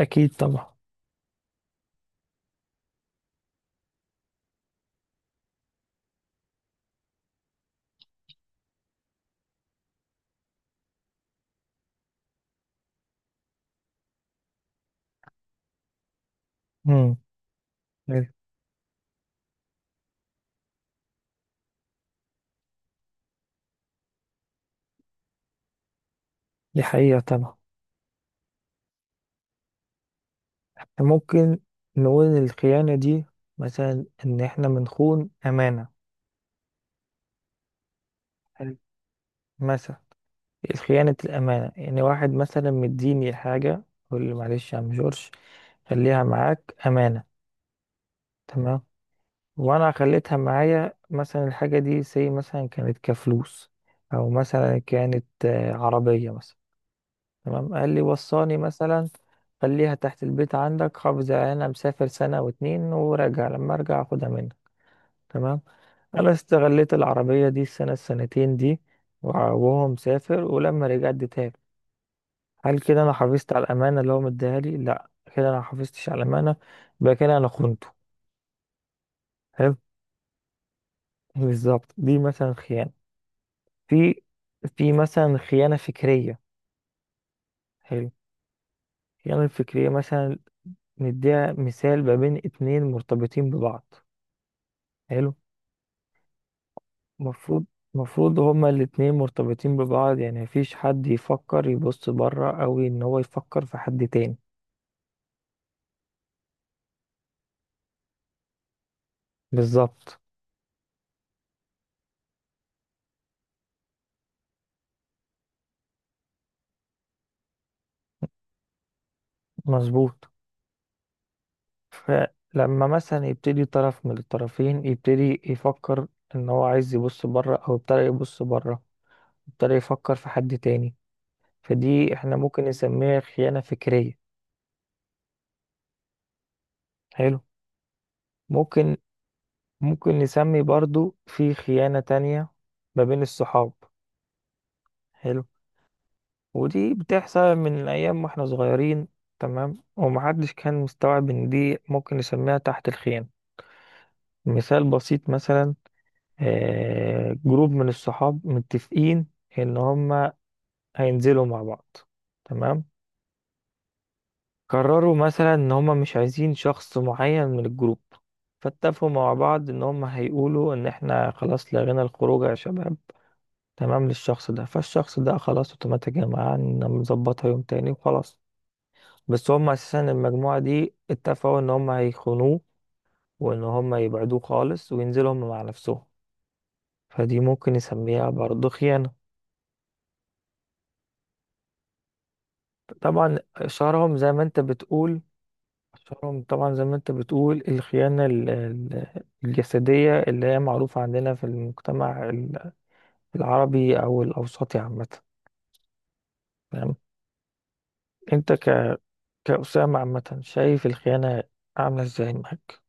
أكيد طبعا. مم. دي حقيقة طبعا. ممكن نقول الخيانة دي مثلا إن إحنا بنخون أمانة. حلو. مثلا خيانة الأمانة، يعني واحد مثلا مديني حاجة يقول لي: معلش يا عم جورج، خليها معاك أمانة. تمام. وأنا خليتها معايا، مثلا الحاجة دي زي مثلا كانت كفلوس، أو مثلا كانت عربية مثلا. تمام، قال لي وصاني مثلا: خليها تحت البيت عندك، حافظ عليها، انا مسافر سنة واتنين وراجع، لما ارجع اخدها منك. تمام. انا استغليت العربية دي السنة السنتين دي، وهو مسافر، ولما رجع اديتها له. هل كده انا حافظت على الامانة اللي هو مديها لي؟ لا، كده انا محافظتش على الامانة، يبقى كده انا خنته. حلو، بالظبط، دي مثلا خيانة. في في مثلا خيانة فكرية. حلو، الخيانة الفكرية مثلا نديها مثال ما بين اتنين مرتبطين ببعض. حلو. المفروض المفروض هما الاتنين مرتبطين ببعض، يعني مفيش حد يفكر يبص بره، أو إن هو يفكر في حد تاني. بالظبط، مظبوط. فلما مثلا يبتدي طرف من الطرفين يبتدي يفكر إن هو عايز يبص بره، أو ابتدى يبص بره، ابتدى يفكر في حد تاني، فدي احنا ممكن نسميها خيانة فكرية. حلو. ممكن ممكن نسمي برضو في خيانة تانية ما بين الصحاب. حلو. ودي بتحصل من ايام واحنا صغيرين، تمام، ومحدش كان مستوعب ان دي ممكن نسميها تحت الخيم. مثال بسيط مثلا: جروب من الصحاب متفقين ان هما هينزلوا مع بعض. تمام. قرروا مثلا ان هما مش عايزين شخص معين من الجروب، فاتفقوا مع بعض ان هما هيقولوا ان احنا خلاص لغينا الخروج يا شباب، تمام، للشخص ده، فالشخص ده خلاص اوتوماتيك يا جماعة نظبطها يوم تاني وخلاص. بس هم اساسا المجموعة دي اتفقوا ان هم هيخونوه، وان هم يبعدوه خالص وينزلوا هم مع نفسهم. فدي ممكن نسميها برضه خيانة. طبعا. شهرهم زي ما انت بتقول، شهرهم طبعا زي ما انت بتقول الخيانة الجسدية، اللي هي معروفة عندنا في المجتمع العربي او الاوسطي عامة. تمام. انت ك... كأسامة عامة، شايف الخيانة عاملة ازاي معاك؟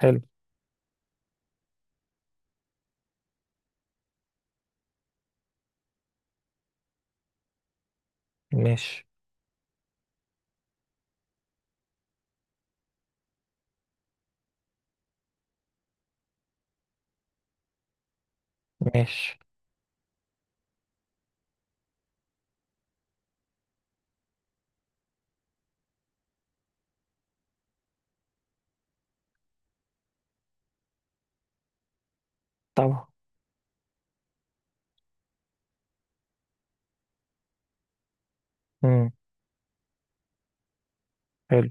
حلو. ماشي، ماشي، طبعا. مم. حلو،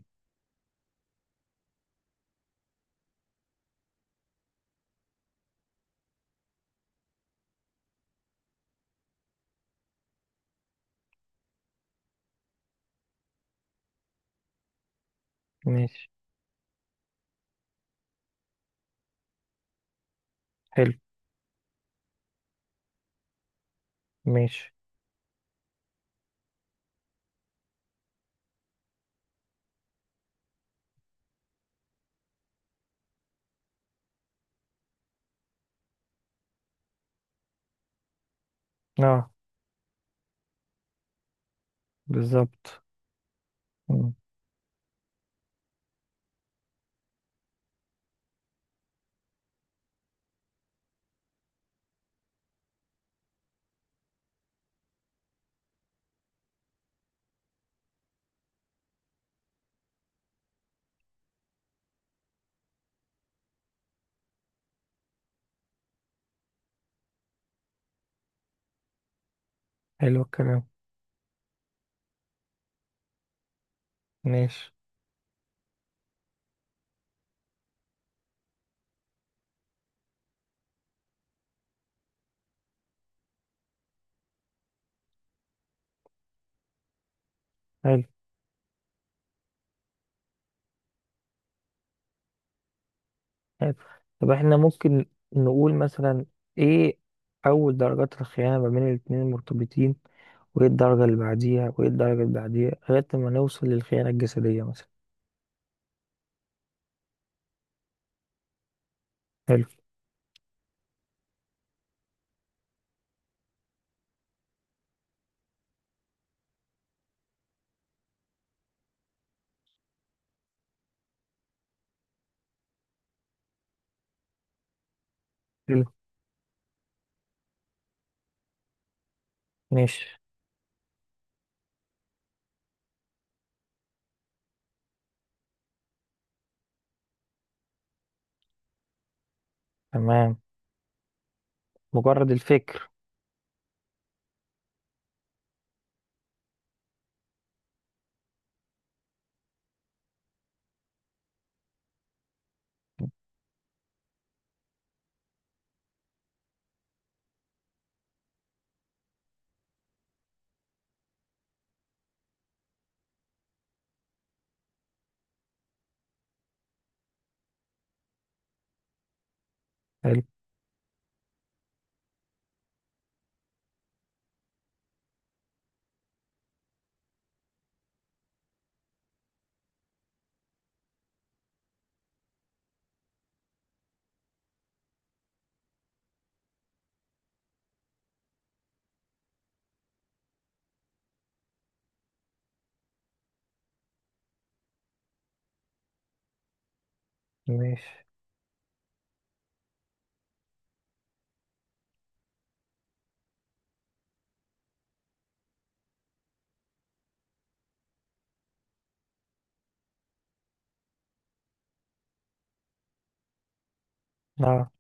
ماشي. حلو، ماشي، اه، بالظبط. مم. حلو الكلام. ماشي. حلو، حلو. طب احنا ممكن نقول مثلا ايه اول درجات الخيانة ما بين الاتنين المرتبطين، وايه الدرجة اللي بعديها، وايه الدرجة اللي بعديها، لغاية ما نوصل للخيانة الجسدية مثلا؟ حلو. حلو. ماشي. تمام، مجرد الفكر. حلو. ماشي. اه،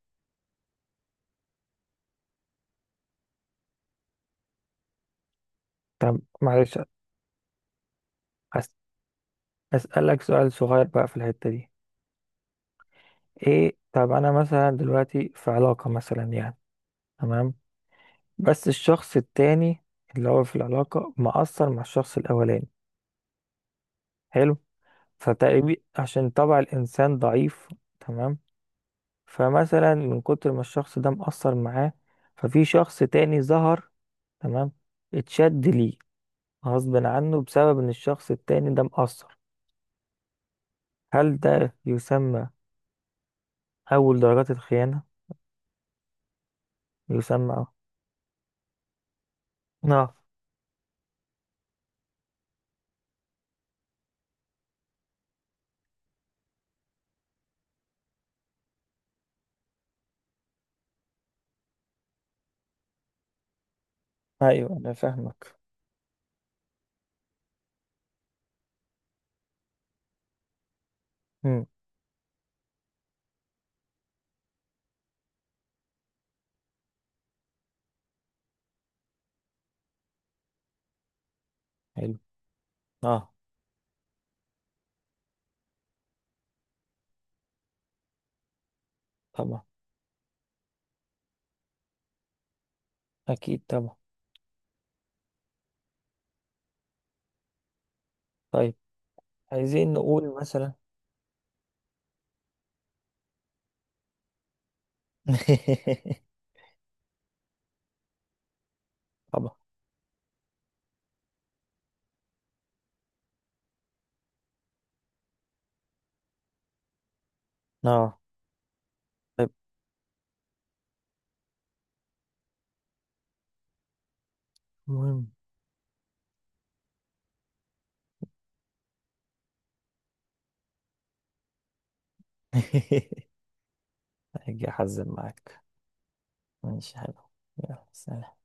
طب معلش أس- اسألك سؤال صغير بقى في الحتة دي: ايه، طب انا مثلا دلوقتي في علاقة مثلا، يعني، تمام، بس الشخص التاني اللي هو في العلاقة مأثر مع الشخص الأولاني. حلو. فتقريبا عشان طبع الإنسان ضعيف، تمام، فمثلا من كتر ما الشخص ده مأثر معاه، ففي شخص تاني ظهر، تمام، اتشد ليه غصب عنه بسبب إن الشخص التاني ده مأثر. هل ده يسمى أول درجات الخيانة؟ يسمى آه. آه، أيوه أنا فاهمك. مم. حلو. آه، طبعا، أكيد طبعا. طيب، عايزين نقول مثلا طبعا، اه، طيب، المهم هاجي احزن معاك. ماشي، حلو. يلا سلام.